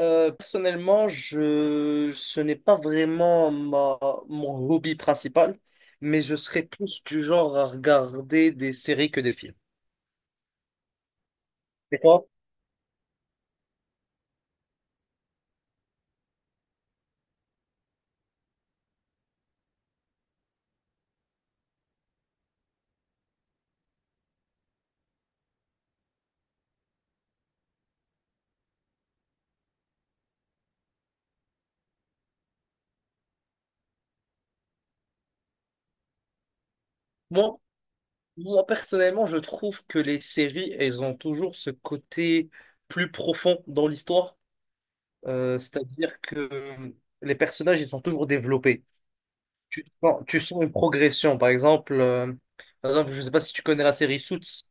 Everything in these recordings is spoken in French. Personnellement, ce n'est pas vraiment mon hobby principal, mais je serais plus du genre à regarder des séries que des films. Et toi? Moi, moi, personnellement, je trouve que les séries, elles ont toujours ce côté plus profond dans l'histoire. C'est-à-dire que les personnages, ils sont toujours développés. Tu sens une progression. Par exemple, je ne sais pas si tu connais la série Suits.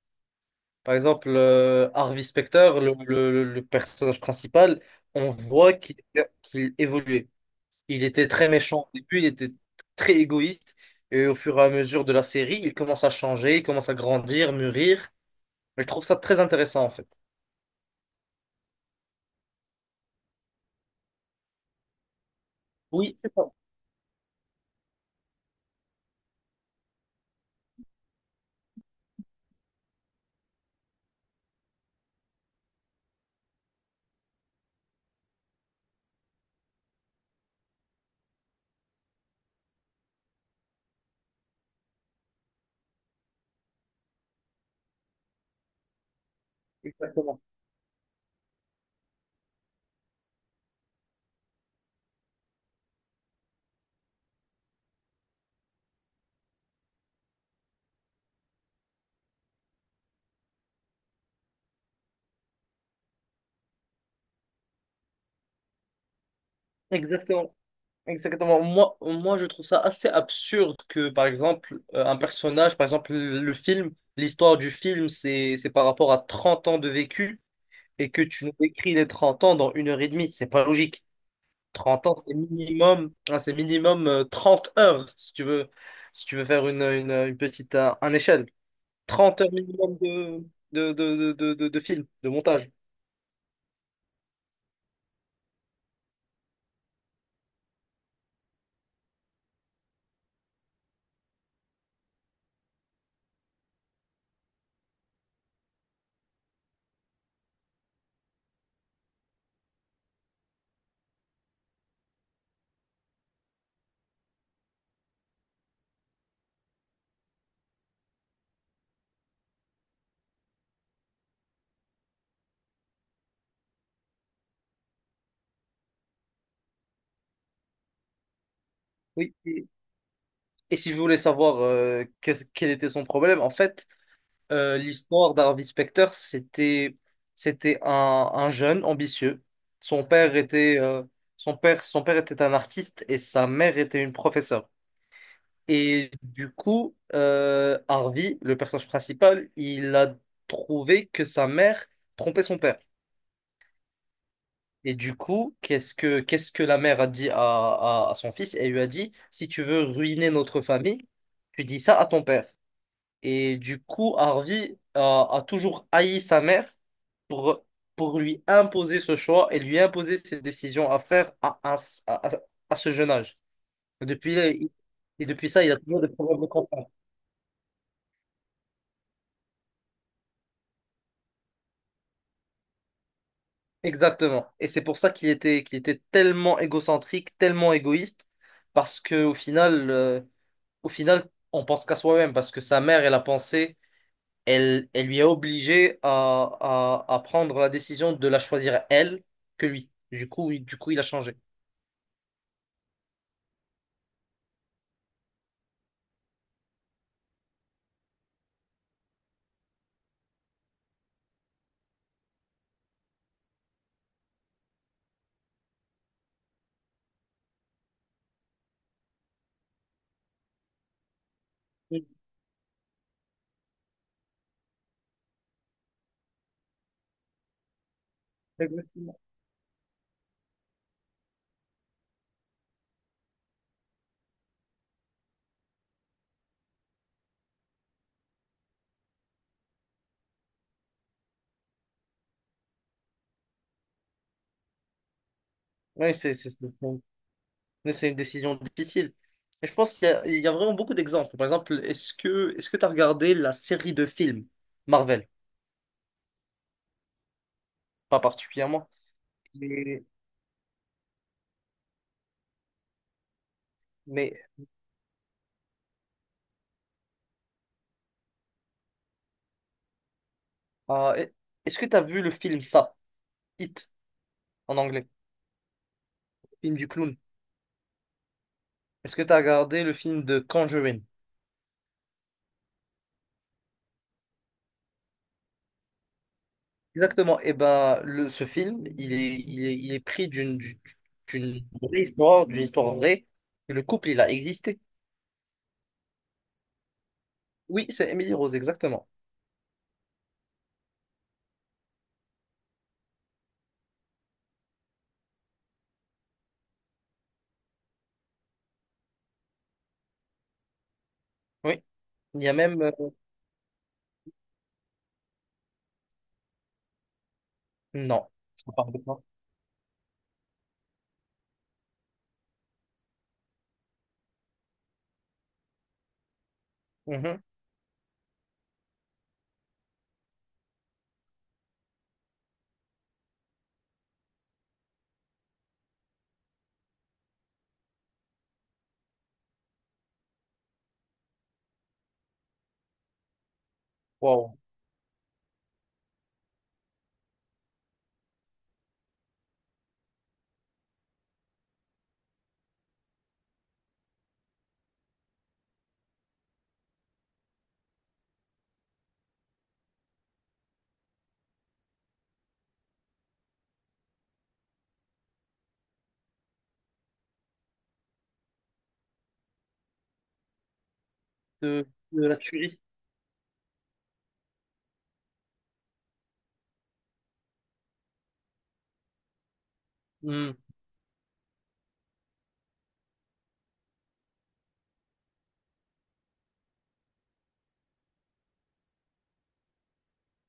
Par exemple, Harvey Specter, le personnage principal, on voit qu'il évoluait. Il était très méchant au début, il était très égoïste. Et au fur et à mesure de la série, il commence à changer, il commence à grandir, mûrir. Je trouve ça très intéressant, en fait. Oui, c'est ça. Exactement. Exactement. Exactement. Moi, je trouve ça assez absurde que, un personnage, par exemple, le film, l'histoire du film, c'est par rapport à 30 ans de vécu. Et que tu nous décris les 30 ans dans une heure et demie. C'est pas logique. Trente ans, c'est minimum, hein, c'est minimum 30 heures si tu veux, si tu veux faire une petite un échelle. 30 heures minimum de film, de montage. Oui. Et si vous voulez savoir quel était son problème, en fait, l'histoire d'Harvey Specter, c'était un jeune ambitieux. Son père était son père était un artiste et sa mère était une professeure. Et du coup, Harvey, le personnage principal, il a trouvé que sa mère trompait son père. Et du coup, qu'est-ce que la mère a dit à son fils? Elle lui a dit, si tu veux ruiner notre famille, tu dis ça à ton père. Et du coup, Harvey a toujours haï sa mère pour, pour lui imposer ce choix et lui imposer ses décisions à faire à, à ce jeune âge. Et depuis, et depuis ça, il a toujours des problèmes de confiance. Exactement. Et c'est pour ça qu'il était tellement égocentrique, tellement égoïste, parce que au final, on pense qu'à soi-même, parce que sa mère, elle lui a obligé à prendre la décision de la choisir elle que lui. Du coup, il a changé. Oui, exactement. Oui, c'est mais c'est une décision difficile. Et je pense il y a vraiment beaucoup d'exemples. Par exemple, est-ce que tu as regardé la série de films Marvel? Pas particulièrement. Mais, mais Ah, est-ce que tu as vu le film Ça, It, en anglais, film du clown? Est-ce que tu as regardé le film de Conjuring? Exactement. Et ben, ce film, il est pris d'une vraie histoire, d'une histoire vraie. Et le couple, il a existé. Oui, c'est Emily Rose, exactement. Oui. Il y a même. Non. Je parle de quoi. Mhm. Wow. De, de la tuerie. Hmm.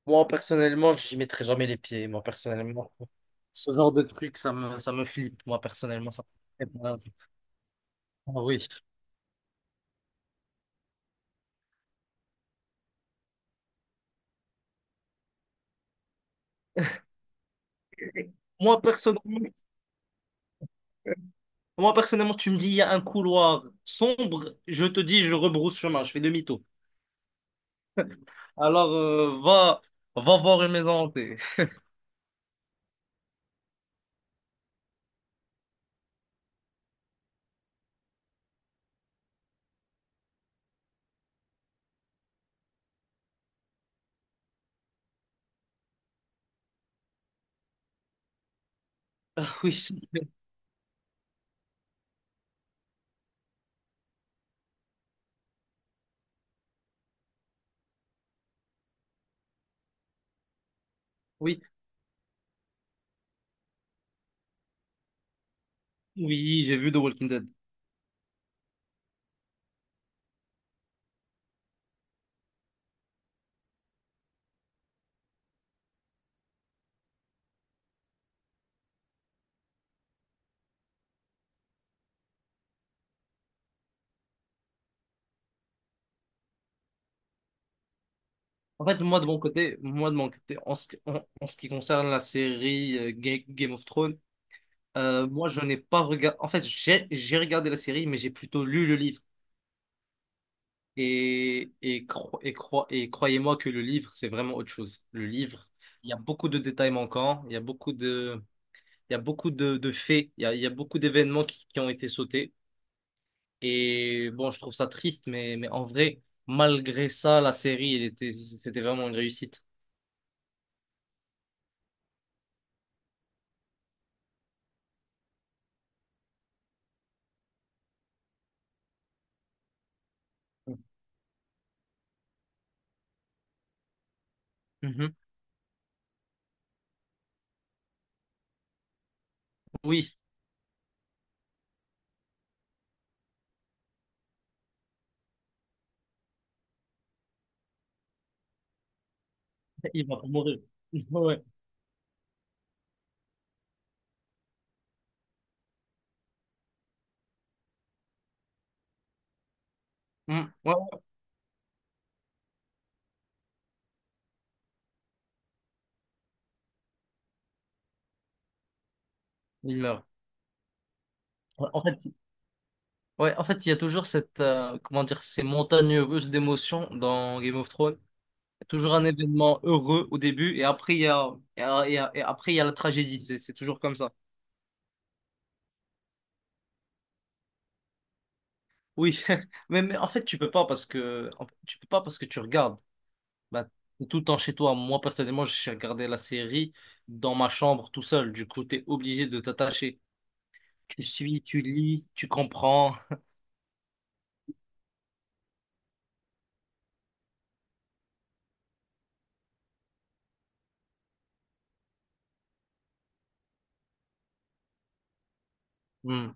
Moi, personnellement, j'y mettrai jamais les pieds. Moi, personnellement, ce genre de truc, ça me flippe. Moi, personnellement, ça. Eh ben, Ah oui. Moi personnellement, moi personnellement, tu me dis il y a un couloir sombre, je te dis je rebrousse chemin, je fais demi-tour. Alors va voir une maison hantée. Ah oui, oui, oui, j'ai vu The Walking Dead. En fait, moi de mon côté, en ce qui, en ce qui concerne la série Game of Thrones, moi je n'ai pas regardé. En fait, j'ai regardé la série, mais j'ai plutôt lu le livre. Et croyez-moi que le livre, c'est vraiment autre chose. Le livre, il y a beaucoup de détails manquants, il y a beaucoup de, il y a beaucoup de faits, il y a beaucoup d'événements qui ont été sautés. Et bon, je trouve ça triste, mais en vrai, malgré ça, la série, elle était, c'était vraiment une réussite. Mhm. Oui, il va mourir. Ouais. Mm. Ouais, ouais. Il meurt. Ouais, en fait, il y a toujours cette, comment dire, ces montagnes russes d'émotions dans Game of Thrones. Toujours un événement heureux au début et après il y a, et, a- et- a- et après il y a la tragédie. C'est toujours comme ça. Oui, mais en fait tu peux pas parce que en fait, tu peux pas parce que tu regardes. Bah, t'es tout le temps chez toi. Moi personnellement, j'ai regardé la série dans ma chambre tout seul. Du coup, t'es obligé de t'attacher. Tu suis, tu lis, tu comprends. Hmm.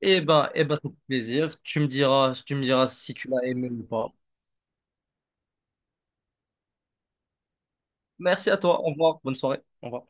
Eh ben, c'est un plaisir. Tu me diras si tu l'as aimé ou pas. Merci à toi. Au revoir. Bonne soirée. Au revoir.